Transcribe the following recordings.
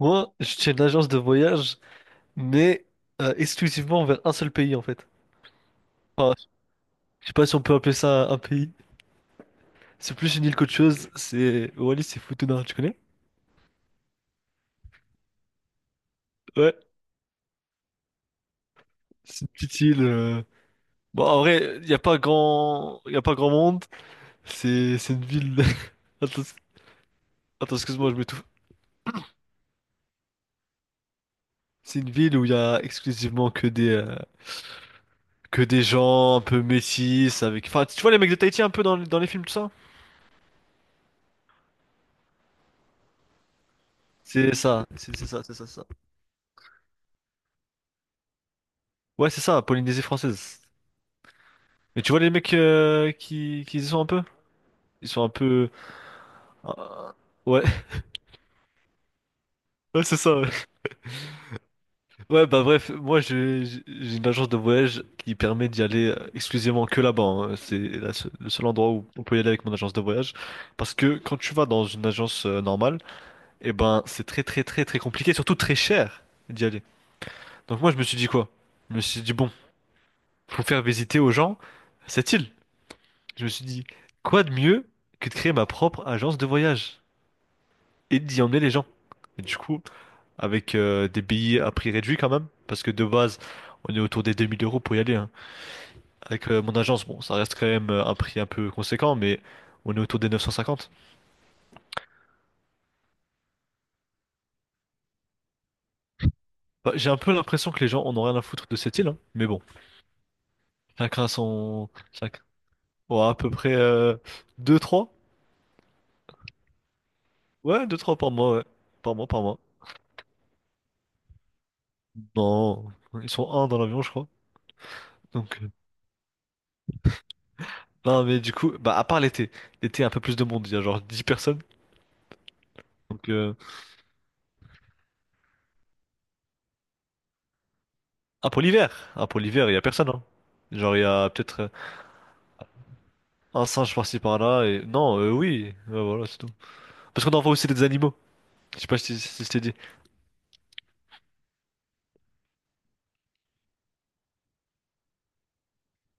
Moi, je tiens une agence de voyage, mais exclusivement vers un seul pays en fait. Enfin, je sais pas si on peut appeler ça un pays. C'est plus une île qu'autre chose. C'est Wallis, c'est Futuna, tu connais? Ouais, c'est une petite île. Bon, en vrai, il y a pas grand, y a pas grand monde. C'est une ville. Attends, attends, excuse-moi, je m'étouffe. C'est une ville où il y a exclusivement que des gens un peu métis avec. Enfin, tu vois les mecs de Tahiti un peu dans les films tout ça? C'est ça, c'est ça, c'est ça, c'est ça. Ouais, c'est ça, Polynésie française. Mais tu vois les mecs qui y sont un peu? Ils sont un peu, euh, ouais, ouais, c'est ça. Ouais. Ouais, bah bref, moi j'ai une agence de voyage qui permet d'y aller exclusivement que là-bas, hein. C'est le seul endroit où on peut y aller avec mon agence de voyage. Parce que quand tu vas dans une agence normale, eh ben c'est très très très très compliqué, surtout très cher d'y aller. Donc moi je me suis dit quoi? Je me suis dit bon, faut faire visiter aux gens cette île. Je me suis dit, quoi de mieux que de créer ma propre agence de voyage? Et d'y emmener les gens. Et du coup, avec des billets à prix réduit quand même, parce que de base, on est autour des 2 000 € pour y aller, hein. Avec mon agence, bon, ça reste quand même un prix un peu conséquent, mais on est autour des 950. Bah, j'ai un peu l'impression que les gens en ont rien à foutre de cette île, hein. Mais bon, chacun son... ouais, à peu près deux trois. Ouais, deux trois par mois, ouais. Par mois, par mois. Non, ils sont un dans l'avion, je crois. Donc, non, mais du coup, bah, à part l'été, l'été, un peu plus de monde, il y a genre 10 personnes. Donc, ah, pour l'hiver. Ah, pour l'hiver, il y a personne, hein. Genre, il y a peut-être un singe par-ci par-là. Non, oui. Ouais, voilà, c'est tout. Parce qu'on envoie aussi des animaux. Je sais pas si je t'ai dit.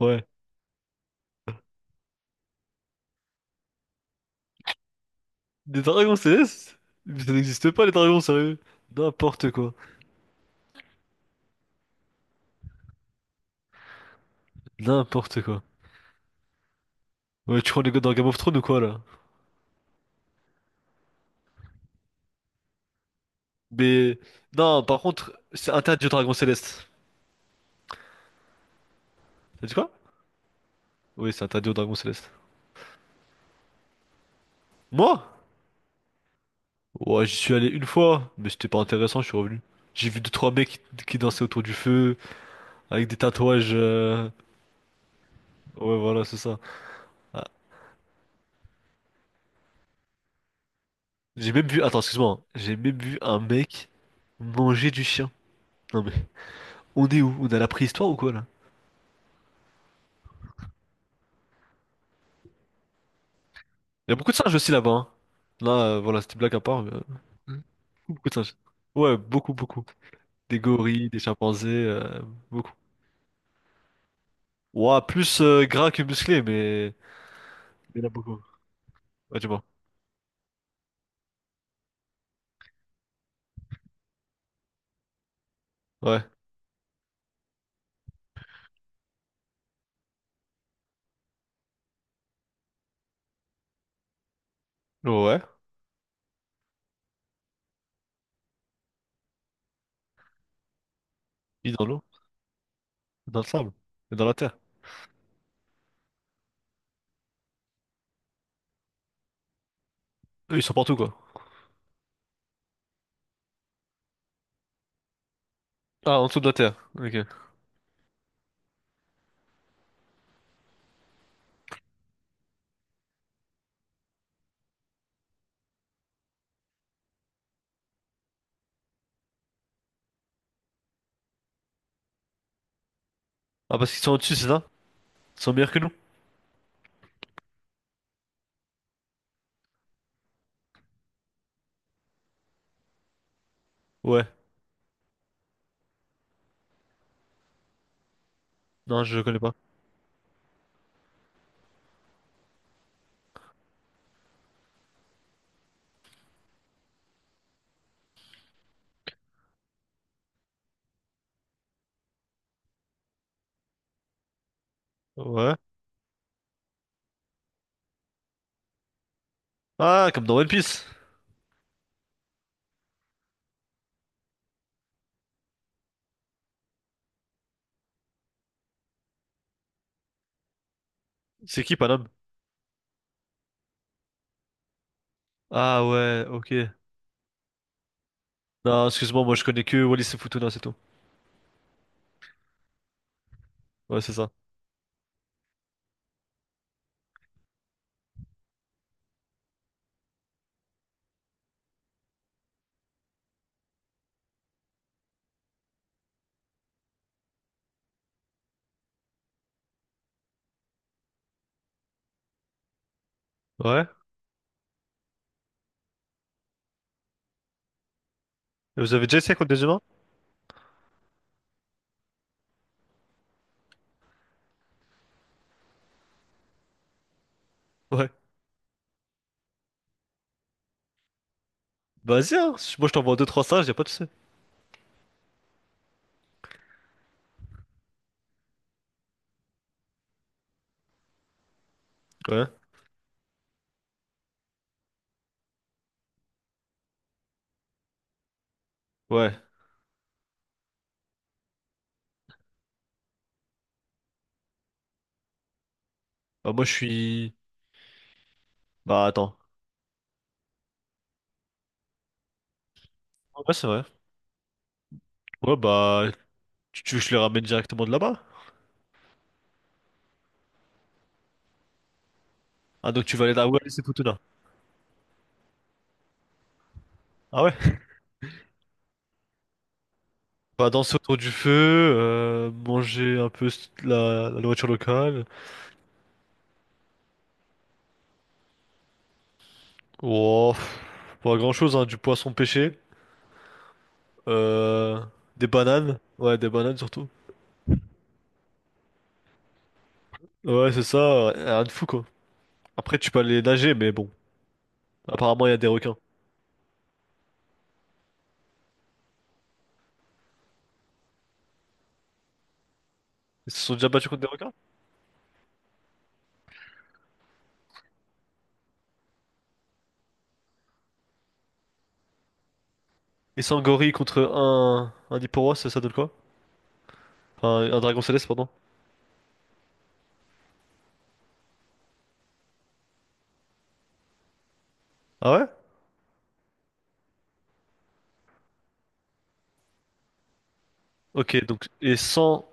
Ouais. Des dragons célestes? Mais ça n'existe pas, les dragons, sérieux. N'importe quoi. N'importe quoi. Ouais, tu crois les gars dans Game of Thrones ou quoi, là? Mais. Non, par contre, c'est interdit aux dragons célestes. T'as dit quoi? Oui, c'est interdit aux dragons célestes. Moi? Ouais, j'y suis allé une fois, mais c'était pas intéressant, je suis revenu. J'ai vu deux, trois mecs qui dansaient autour du feu. Avec des tatouages. Ouais, voilà, c'est ça. Ah, J'ai même vu. Attends, excuse-moi, hein. J'ai même vu un mec manger du chien. Non mais, on est où? On est à la préhistoire ou quoi là? Il y a beaucoup de singes aussi là-bas, hein. Là, voilà, c'était une blague à part. Mais, beaucoup de singes. Ouais, beaucoup, beaucoup. Des gorilles, des chimpanzés, beaucoup. Ouah, plus gras que musclé, mais. Il y en a beaucoup. Ouais, tu vois. Ouais. Ouais. Ils dans l'eau, dans le sable, et dans la terre. Eux, ils sont partout quoi. Ah, en dessous de la terre. Ok. Ah, parce qu'ils sont au-dessus, c'est ça? Ils sont meilleurs que nous? Ouais. Non, je connais pas. Ouais. Ah, comme dans One Piece. C'est qui, Panam? Ah ouais, ok. Non, excuse-moi, moi je connais que Wallis et Futuna, c'est tout. Ouais, c'est ça. Ouais. Et vous avez déjà essayé contre des humains? Ouais. Vas-y, hein. Moi je t'envoie 2-3 stages, y'a pas de souci. Ouais. Ouais. Bah moi je suis... Bah attends. Ouais, c'est vrai. Ouais, bah... Tu veux que je les ramène directement de là-bas? Ah, donc tu vas aller à Wallis et Futuna. Ah ouais? Bah danser autour du feu, manger un peu la nourriture locale. Oh, pff, pas grand-chose, hein. Du poisson pêché. Euh, des bananes. Ouais, des bananes surtout. Ouais, c'est ça. Rien de fou, quoi. Après, tu peux aller nager, mais bon. Apparemment, il y a des requins. Ils se sont déjà battus contre des requins? Et sans gorille contre un Hipporos, ça donne quoi? Enfin, un dragon céleste, pardon. Ah ouais? Ok, donc, et 100,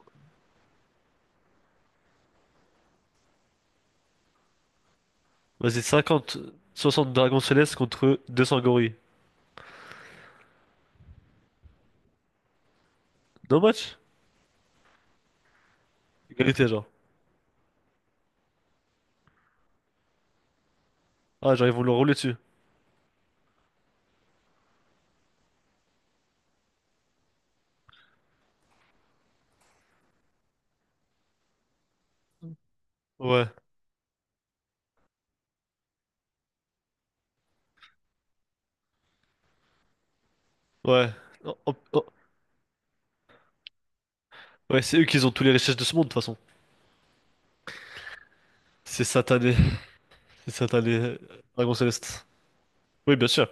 vas-y, 50, 60 dragons célestes contre 200 gorilles. No match? Égalité, genre. Ah, genre, ils vont le rouler dessus. Ouais, ouais. Oh, oh, oh. Ouais, c'est eux qui ont tous les richesses de ce monde, de toute façon. C'est satané. C'est satané. Dragon céleste. Oui, bien sûr.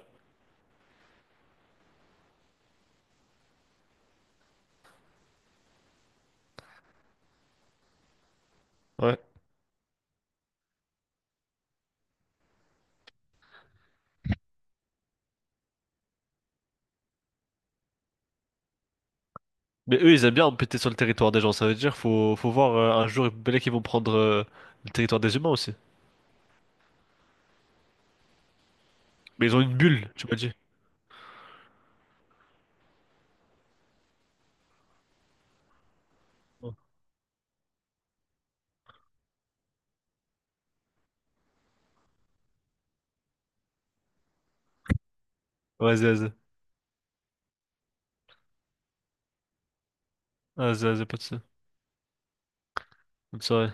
Ouais. Mais eux, ils aiment bien péter sur le territoire des gens. Ça veut dire faut voir un jour peut-être qu'ils vont prendre le territoire des humains aussi. Mais ils ont une bulle, tu m'as dit. Ouais, vas-y, vas-y. Vas-y, vas-y, pas de ça. Bonne soirée.